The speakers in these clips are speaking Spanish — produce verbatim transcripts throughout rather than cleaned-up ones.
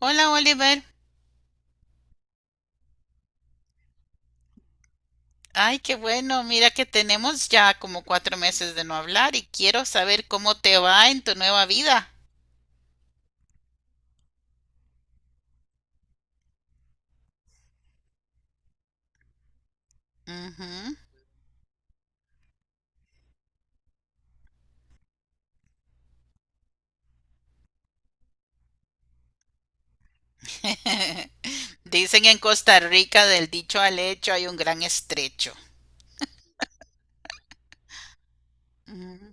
Hola Oliver. Ay, qué bueno, mira que tenemos ya como cuatro meses de no hablar y quiero saber cómo te va en tu nueva vida. Ujú. Dicen en Costa Rica del dicho al hecho hay un gran estrecho. Ujú,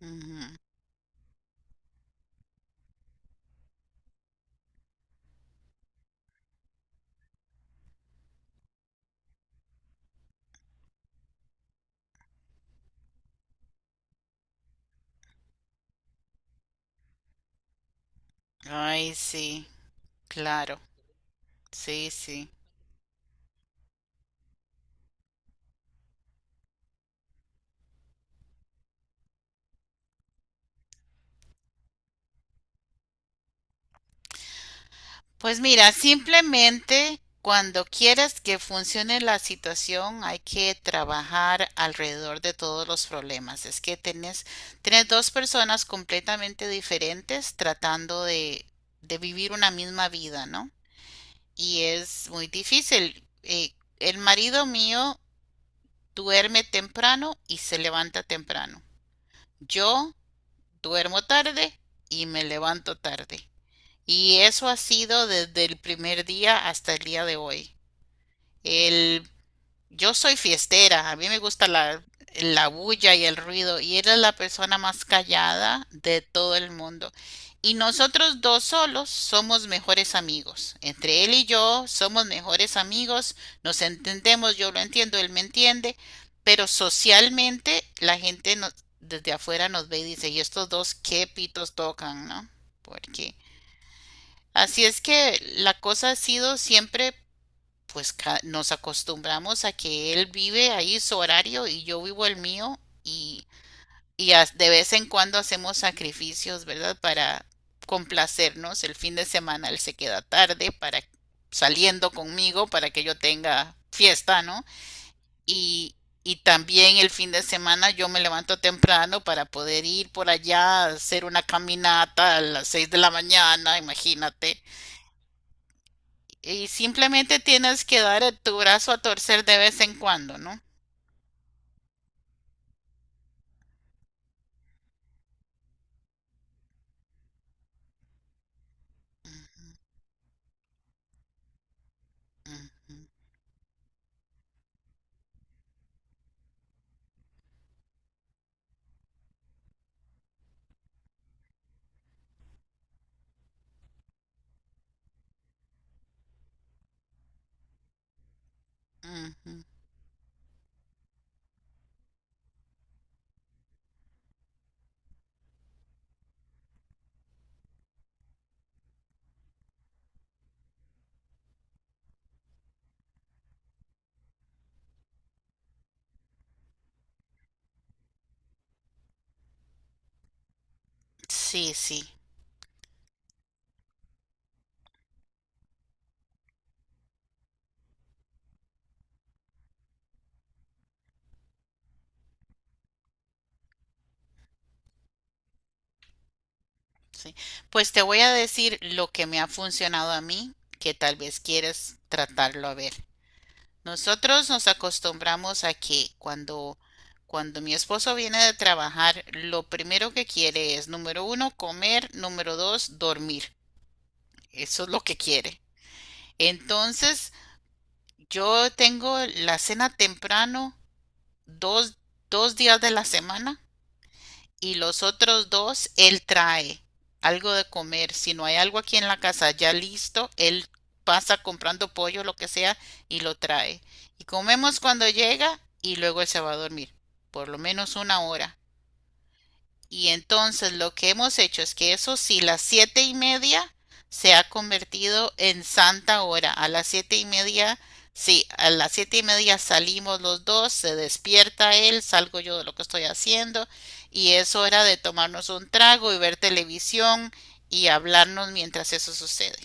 ujú. Ay, sí, claro, sí, sí. Pues mira, simplemente cuando quieras que funcione la situación, hay que trabajar alrededor de todos los problemas. Es que tenés, tenés dos personas completamente diferentes tratando de, de vivir una misma vida, ¿no? Y es muy difícil. Eh, el marido mío duerme temprano y se levanta temprano. Yo duermo tarde y me levanto tarde. Y eso ha sido desde el primer día hasta el día de hoy. El, yo soy fiestera, a mí me gusta la, la bulla y el ruido, y él es la persona más callada de todo el mundo. Y nosotros dos solos somos mejores amigos. Entre él y yo somos mejores amigos, nos entendemos, yo lo entiendo, él me entiende, pero socialmente la gente nos- desde afuera nos ve y dice, ¿y estos dos qué pitos tocan, no? Porque Así es que la cosa ha sido siempre, pues ca- nos acostumbramos a que él vive ahí su horario y yo vivo el mío, y, y as- de vez en cuando hacemos sacrificios, ¿verdad? Para complacernos. El fin de semana él se queda tarde para saliendo conmigo para que yo tenga fiesta, ¿no? Y, y también el fin de semana yo me levanto temprano para poder ir por allá a hacer una caminata a las seis de la mañana, imagínate. Y simplemente tienes que dar tu brazo a torcer de vez en cuando, ¿no? Sí, sí, sí. Pues te voy a decir lo que me ha funcionado a mí, que tal vez quieres tratarlo a ver. Nosotros nos acostumbramos a que cuando, cuando mi esposo viene de trabajar, lo primero que quiere es, número uno, comer, número dos, dormir. Eso es lo que quiere. Entonces, yo tengo la cena temprano dos, dos días de la semana y los otros dos él trae algo de comer. Si no hay algo aquí en la casa ya listo, él pasa comprando pollo, lo que sea, y lo trae. Y comemos cuando llega y luego él se va a dormir, por lo menos una hora. Y entonces lo que hemos hecho es que eso sí, las siete y media se ha convertido en santa hora. A las siete y media, sí, a las siete y media salimos los dos, se despierta él, salgo yo de lo que estoy haciendo y es hora de tomarnos un trago y ver televisión y hablarnos mientras eso sucede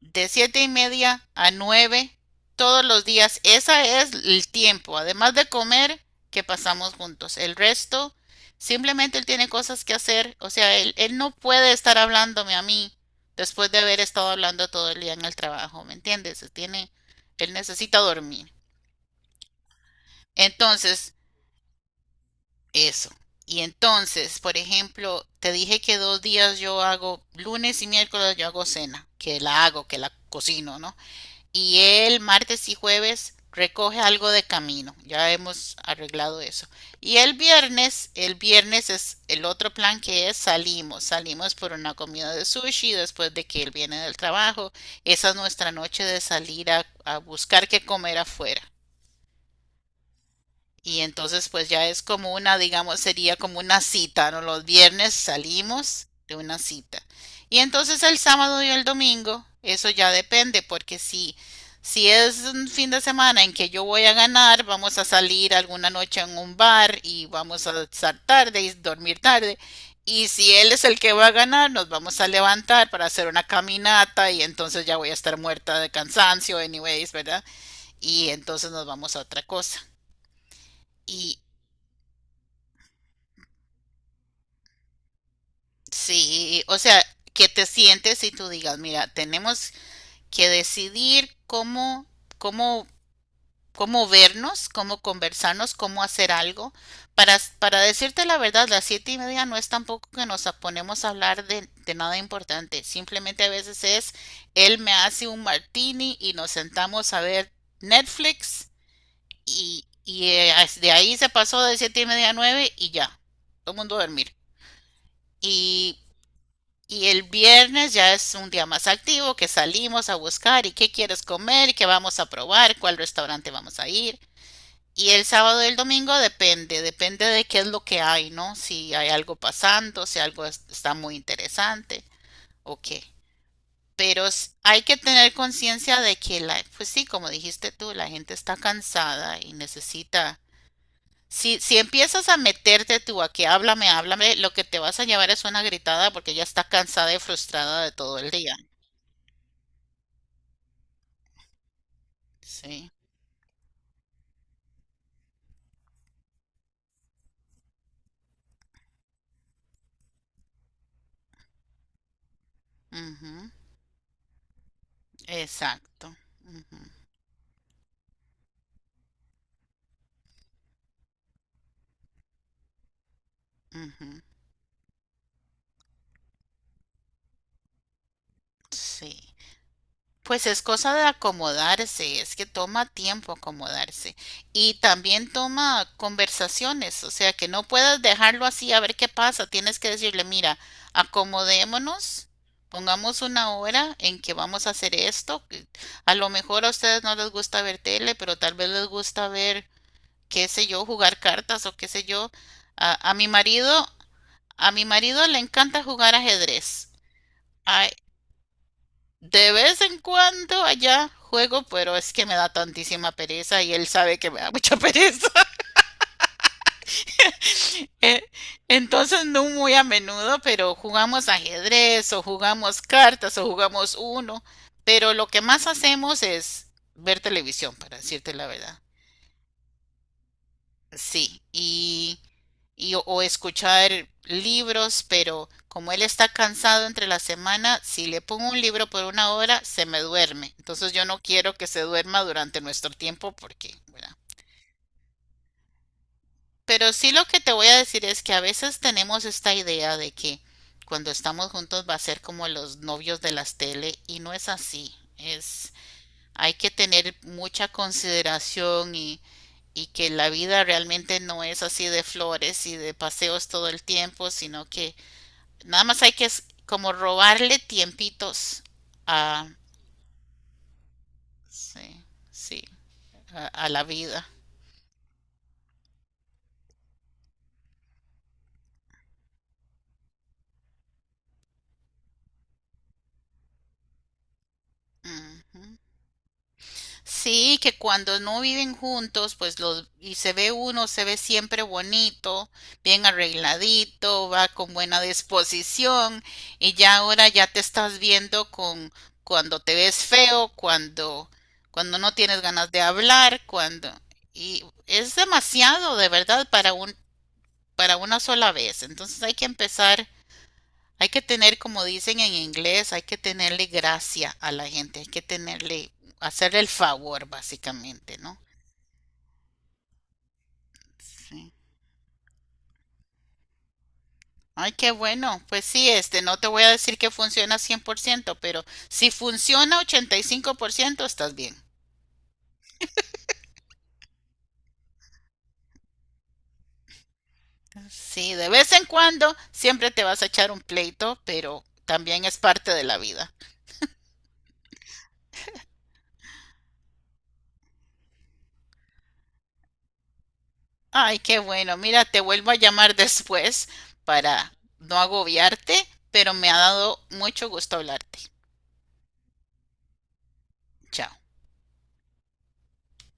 de siete y media a nueve todos los días. Ese es el tiempo, además de comer, que pasamos juntos. El resto, simplemente él tiene cosas que hacer. O sea, él, él no puede estar hablándome a mí después de haber estado hablando todo el día en el trabajo, ¿me entiendes? Tiene, él necesita dormir. Entonces, eso. Y entonces, por ejemplo, te dije que dos días yo hago, lunes y miércoles yo hago cena, que la hago, que la cocino, ¿no? Y el martes y jueves recoge algo de camino. Ya hemos arreglado eso. Y el viernes, el viernes es el otro plan que es salimos. Salimos por una comida de sushi después de que él viene del trabajo. Esa es nuestra noche de salir a, a buscar qué comer afuera. Y entonces pues ya es como una, digamos, sería como una cita, ¿no? Los viernes salimos de una cita. Y entonces el sábado y el domingo, eso ya depende, porque si, si es un fin de semana en que yo voy a ganar, vamos a salir alguna noche en un bar y vamos a estar tarde y dormir tarde. Y si él es el que va a ganar, nos vamos a levantar para hacer una caminata y entonces ya voy a estar muerta de cansancio, anyways, ¿verdad? Y entonces nos vamos a otra cosa. Y, Sí, o sea, que te sientes y tú digas, mira, tenemos que decidir cómo, cómo, cómo vernos, cómo conversarnos, cómo hacer algo. Para, para decirte la verdad, las siete y media no es tampoco que nos ponemos a hablar de, de nada importante. Simplemente a veces es, él me hace un martini y nos sentamos a ver Netflix y, y eh, de ahí se pasó de siete y media a nueve y ya, todo el mundo a dormir. Y y el viernes ya es un día más activo que salimos a buscar y qué quieres comer, y qué vamos a probar, cuál restaurante vamos a ir. Y el sábado y el domingo depende, depende de qué es lo que hay, ¿no? Si hay algo pasando, si algo es- está muy interesante o qué. Pero s- hay que tener conciencia de que la, pues sí, como dijiste tú, la gente está cansada y necesita. Si, si empiezas a meterte tú a que háblame, háblame, lo que te vas a llevar es una gritada porque ya está cansada y frustrada de todo el día. Sí, ujú, exacto, ujú, ujú, sí. Pues es cosa de acomodarse, es que toma tiempo acomodarse y también toma conversaciones, o sea, que no puedas dejarlo así a ver qué pasa, tienes que decirle, mira, acomodémonos, pongamos una hora en que vamos a hacer esto, que a lo mejor a ustedes no les gusta ver tele, pero tal vez les gusta ver, qué sé yo, jugar cartas o qué sé yo. A, a mi marido A mi marido le encanta jugar ajedrez. Ay, de vez en cuando allá juego, pero es que me da tantísima pereza y él sabe que me da mucha pereza. Eh, Entonces no muy a menudo, pero jugamos ajedrez o jugamos cartas o jugamos uno. Pero lo que más hacemos es ver televisión, para decirte la verdad. Sí, y, y o, o escuchar libros, pero como él está cansado entre la semana, si le pongo un libro por una hora, se me duerme. Entonces yo no quiero que se duerma durante nuestro tiempo porque, ¿verdad? Pero sí lo que te voy a decir es que a veces tenemos esta idea de que cuando estamos juntos va a ser como los novios de las tele y no es así. Es, hay que tener mucha consideración y y que la vida realmente no es así de flores y de paseos todo el tiempo, sino que nada más hay que es- como robarle tiempitos a, sí, sí, a, a la vida. Ujú. Sí, que cuando no viven juntos, pues los y se ve uno, se ve siempre bonito, bien arregladito, va con buena disposición y ya ahora ya te estás viendo con cuando te ves feo, cuando cuando no tienes ganas de hablar, cuando y es demasiado de verdad para un para una sola vez. Entonces hay que empezar hay que tener, como dicen en inglés, hay que tenerle gracia a la gente, hay que tenerle, hacerle el favor, básicamente, ¿no? Sí. Ay, qué bueno. Pues sí, este, no te voy a decir que funciona cien por ciento, pero si funciona ochenta y cinco por ciento estás bien. Sí, de vez en cuando siempre te vas a echar un pleito, pero también es parte de la vida. Ay, qué bueno. Mira, te vuelvo a llamar después para no agobiarte, pero me ha dado mucho gusto hablarte. Chao.